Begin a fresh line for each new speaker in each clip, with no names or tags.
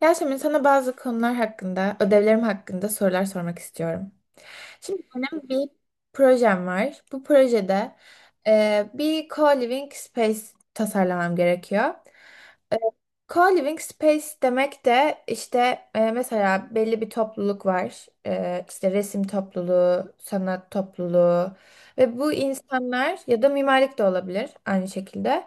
Yasemin, sana bazı konular hakkında, ödevlerim hakkında sorular sormak istiyorum. Şimdi benim bir projem var. Bu projede bir co-living space tasarlamam gerekiyor. Co-living space demek de işte mesela belli bir topluluk var. E, işte resim topluluğu, sanat topluluğu ve bu insanlar ya da mimarlık da olabilir aynı şekilde.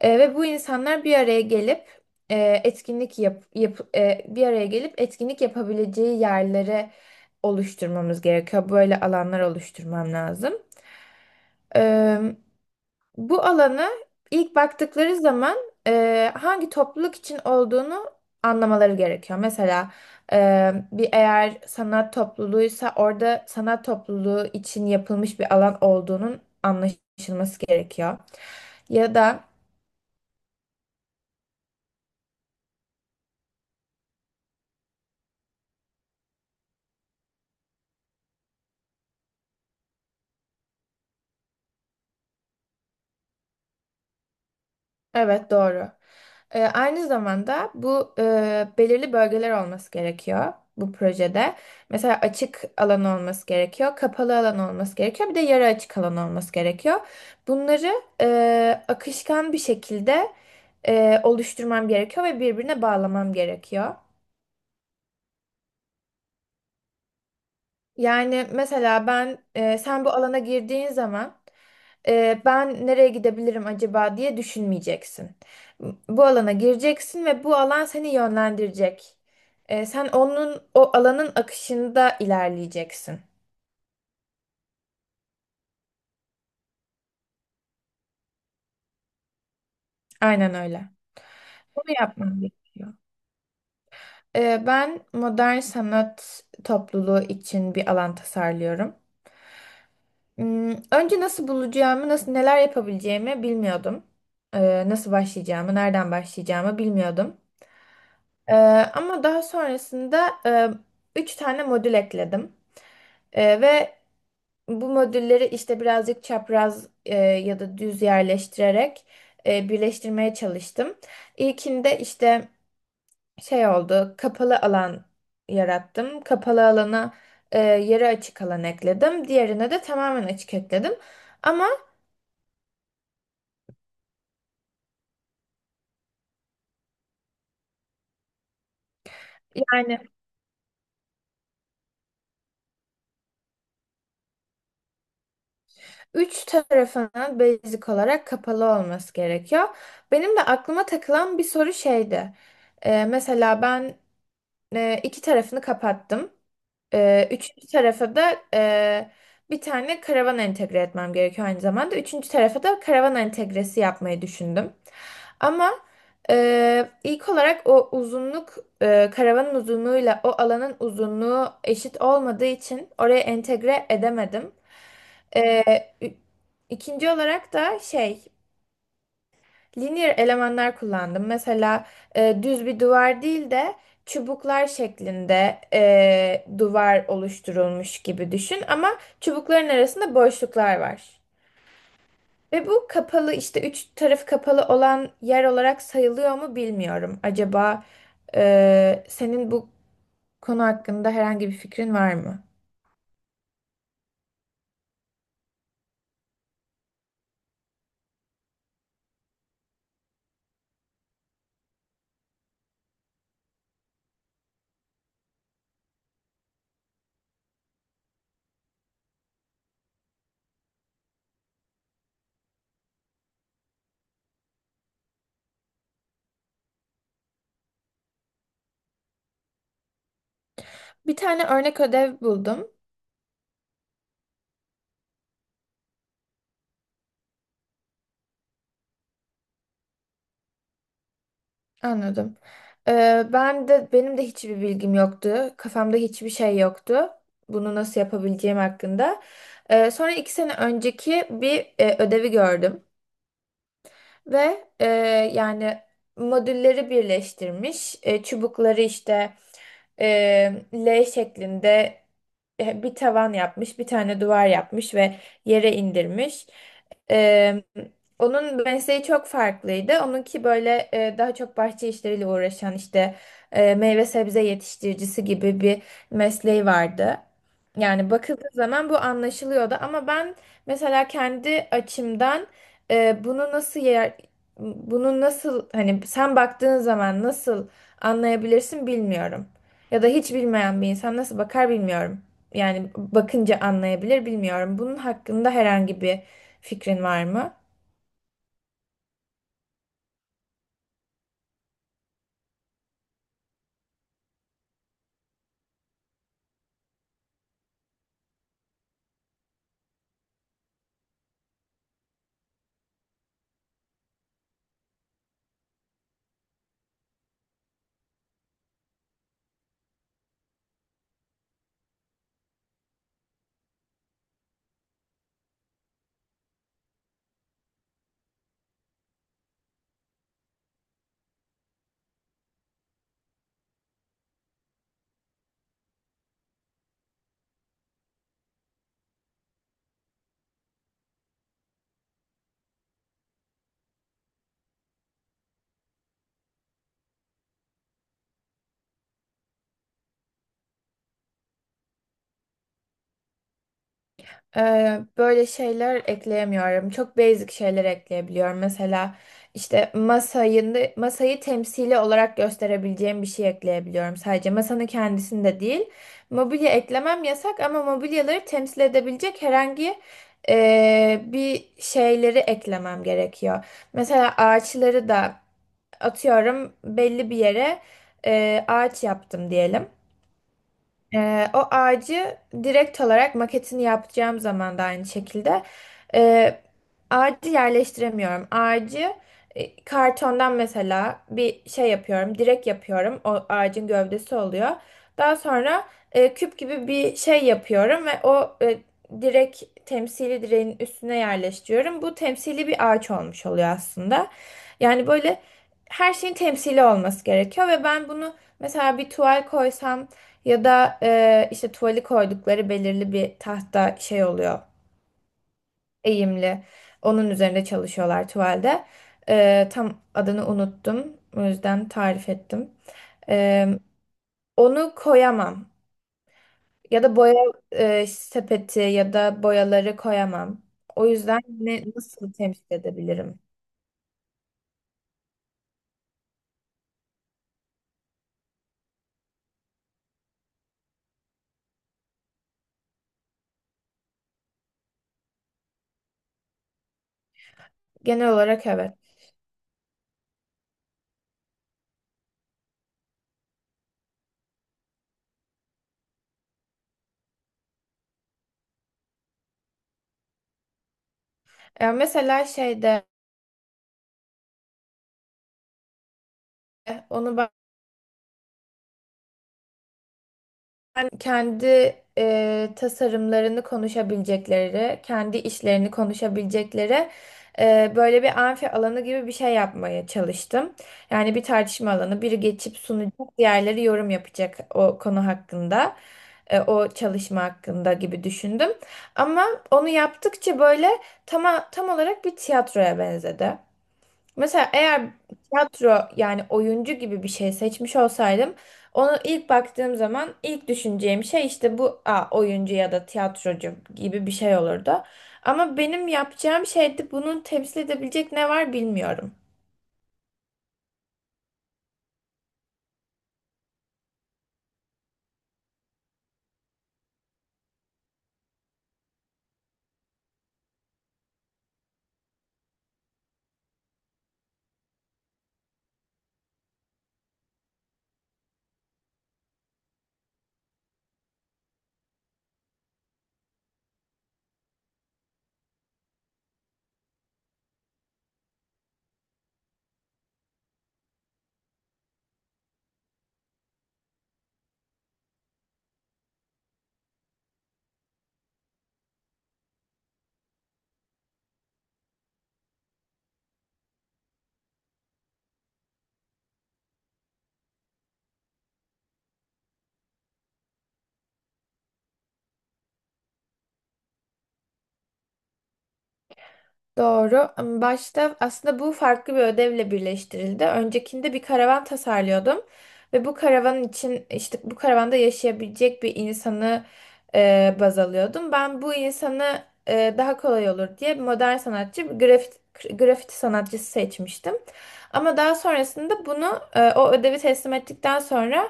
Ve bu insanlar bir araya gelip etkinlik bir araya gelip etkinlik yapabileceği yerleri oluşturmamız gerekiyor. Böyle alanlar oluşturmam lazım. Bu alanı ilk baktıkları zaman hangi topluluk için olduğunu anlamaları gerekiyor. Mesela bir eğer sanat topluluğuysa orada sanat topluluğu için yapılmış bir alan olduğunun anlaşılması gerekiyor. Ya da... Evet, doğru. Aynı zamanda bu belirli bölgeler olması gerekiyor bu projede. Mesela açık alan olması gerekiyor, kapalı alan olması gerekiyor, bir de yarı açık alan olması gerekiyor. Bunları akışkan bir şekilde oluşturmam gerekiyor ve birbirine bağlamam gerekiyor. Yani mesela sen bu alana girdiğin zaman ben nereye gidebilirim acaba diye düşünmeyeceksin. Bu alana gireceksin ve bu alan seni yönlendirecek. Sen onun o alanın akışında ilerleyeceksin. Aynen öyle. Bunu yapman gerekiyor. Ben modern sanat topluluğu için bir alan tasarlıyorum. Önce nasıl bulacağımı, nasıl neler yapabileceğimi bilmiyordum. Nasıl başlayacağımı, nereden başlayacağımı bilmiyordum. Ee, ama daha sonrasında üç tane modül ekledim. Ve bu modülleri işte birazcık çapraz ya da düz yerleştirerek birleştirmeye çalıştım. İlkinde işte şey oldu, kapalı alan yarattım. Kapalı alana yarı açık alan ekledim. Diğerine de tamamen açık ekledim. Ama yani... Üç tarafının basic olarak kapalı olması gerekiyor. Benim de aklıma takılan bir soru şeydi. Mesela ben iki tarafını kapattım. Üçüncü tarafa da bir tane karavan entegre etmem gerekiyor aynı zamanda. Üçüncü tarafa da karavan entegresi yapmayı düşündüm. Ama ilk olarak karavanın uzunluğuyla o alanın uzunluğu eşit olmadığı için oraya entegre edemedim. Ü- İkinci olarak da linear elemanlar kullandım. Mesela düz bir duvar değil de çubuklar şeklinde duvar oluşturulmuş gibi düşün ama çubukların arasında boşluklar var. Ve bu kapalı işte üç tarafı kapalı olan yer olarak sayılıyor mu bilmiyorum. Acaba senin bu konu hakkında herhangi bir fikrin var mı? Bir tane örnek ödev buldum. Anladım. Benim de hiçbir bilgim yoktu. Kafamda hiçbir şey yoktu. Bunu nasıl yapabileceğim hakkında. Sonra 2 sene önceki bir ödevi gördüm. Ve yani modülleri birleştirmiş. Çubukları işte e, L şeklinde bir tavan yapmış, bir tane duvar yapmış ve yere indirmiş. E, onun mesleği çok farklıydı. Onunki böyle daha çok bahçe işleriyle uğraşan işte meyve sebze yetiştiricisi gibi bir mesleği vardı. Yani bakıldığı zaman bu anlaşılıyordu ama ben mesela kendi açımdan e, bunu nasıl yer- bunu nasıl hani sen baktığın zaman nasıl anlayabilirsin bilmiyorum. Ya da hiç bilmeyen bir insan nasıl bakar bilmiyorum. Yani bakınca anlayabilir bilmiyorum. Bunun hakkında herhangi bir fikrin var mı? Böyle şeyler ekleyemiyorum. Çok basic şeyler ekleyebiliyorum. Mesela işte masayı temsili olarak gösterebileceğim bir şey ekleyebiliyorum. Sadece masanın kendisinde değil. Mobilya eklemem yasak ama mobilyaları temsil edebilecek herhangi bir şeyleri eklemem gerekiyor. Mesela ağaçları da atıyorum belli bir yere ağaç yaptım diyelim. O ağacı direkt olarak maketini yapacağım zaman da aynı şekilde e, ağacı yerleştiremiyorum. Ağacı kartondan mesela bir şey yapıyorum, direk yapıyorum. O ağacın gövdesi oluyor. Daha sonra küp gibi bir şey yapıyorum ve direk temsili direğin üstüne yerleştiriyorum. Bu temsili bir ağaç olmuş oluyor aslında. Yani böyle her şeyin temsili olması gerekiyor ve ben bunu mesela bir tuval koysam ya da işte tuvali koydukları belirli bir tahta şey oluyor, eğimli. Onun üzerinde çalışıyorlar tuvalde. Tam adını unuttum. O yüzden tarif ettim. E, onu koyamam. Ya da boya sepeti ya da boyaları koyamam. O yüzden ne, nasıl temsil edebilirim? Genel olarak evet. E, mesela şeyde onu Ben kendi tasarımlarını konuşabilecekleri, kendi işlerini konuşabilecekleri böyle bir amfi alanı gibi bir şey yapmaya çalıştım. Yani bir tartışma alanı, biri geçip sunacak, diğerleri yorum yapacak o konu hakkında, o çalışma hakkında gibi düşündüm. Ama onu yaptıkça böyle tam, tam olarak bir tiyatroya benzedi. Mesela eğer tiyatro yani oyuncu gibi bir şey seçmiş olsaydım onu ilk baktığım zaman ilk düşüneceğim şey işte bu oyuncu ya da tiyatrocu gibi bir şey olurdu. Ama benim yapacağım şeyde bunu temsil edebilecek ne var bilmiyorum. Doğru. Başta aslında bu farklı bir ödevle birleştirildi. Öncekinde bir karavan tasarlıyordum ve bu karavan için işte bu karavanda yaşayabilecek bir insanı baz alıyordum. Ben bu insanı daha kolay olur diye modern sanatçı, bir grafiti sanatçısı seçmiştim. Ama daha sonrasında o ödevi teslim ettikten sonra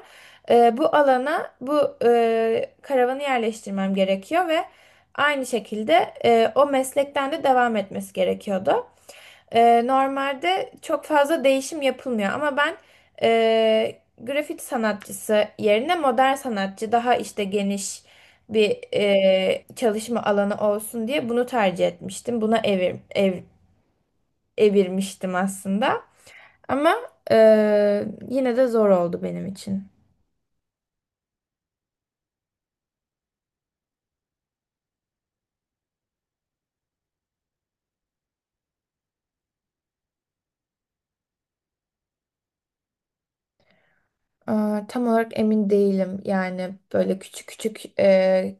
bu alana karavanı yerleştirmem gerekiyor ve aynı şekilde o meslekten de devam etmesi gerekiyordu. Normalde çok fazla değişim yapılmıyor ama ben grafiti sanatçısı yerine modern sanatçı daha işte geniş bir çalışma alanı olsun diye bunu tercih etmiştim. Buna evirmiştim aslında ama e, yine de zor oldu benim için. Aa, tam olarak emin değilim yani böyle küçük küçük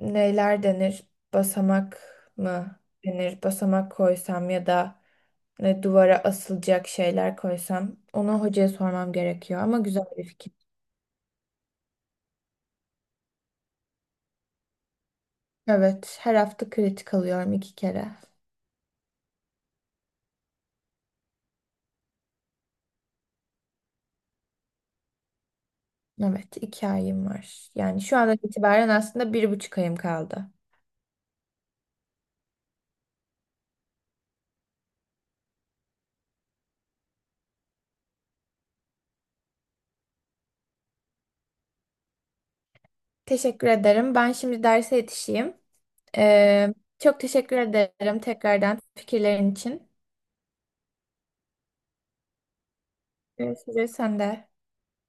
neler denir? Basamak mı denir? Basamak koysam ya da ne duvara asılacak şeyler koysam onu hocaya sormam gerekiyor ama güzel bir fikir. Evet, her hafta kritik alıyorum 2 kere. Evet, 2 ayım var. Yani şu andan itibaren aslında 1,5 ayım kaldı. Teşekkür ederim. Ben şimdi derse yetişeyim. Ee, çok teşekkür ederim tekrardan fikirlerin için. Görüşürüz sen de.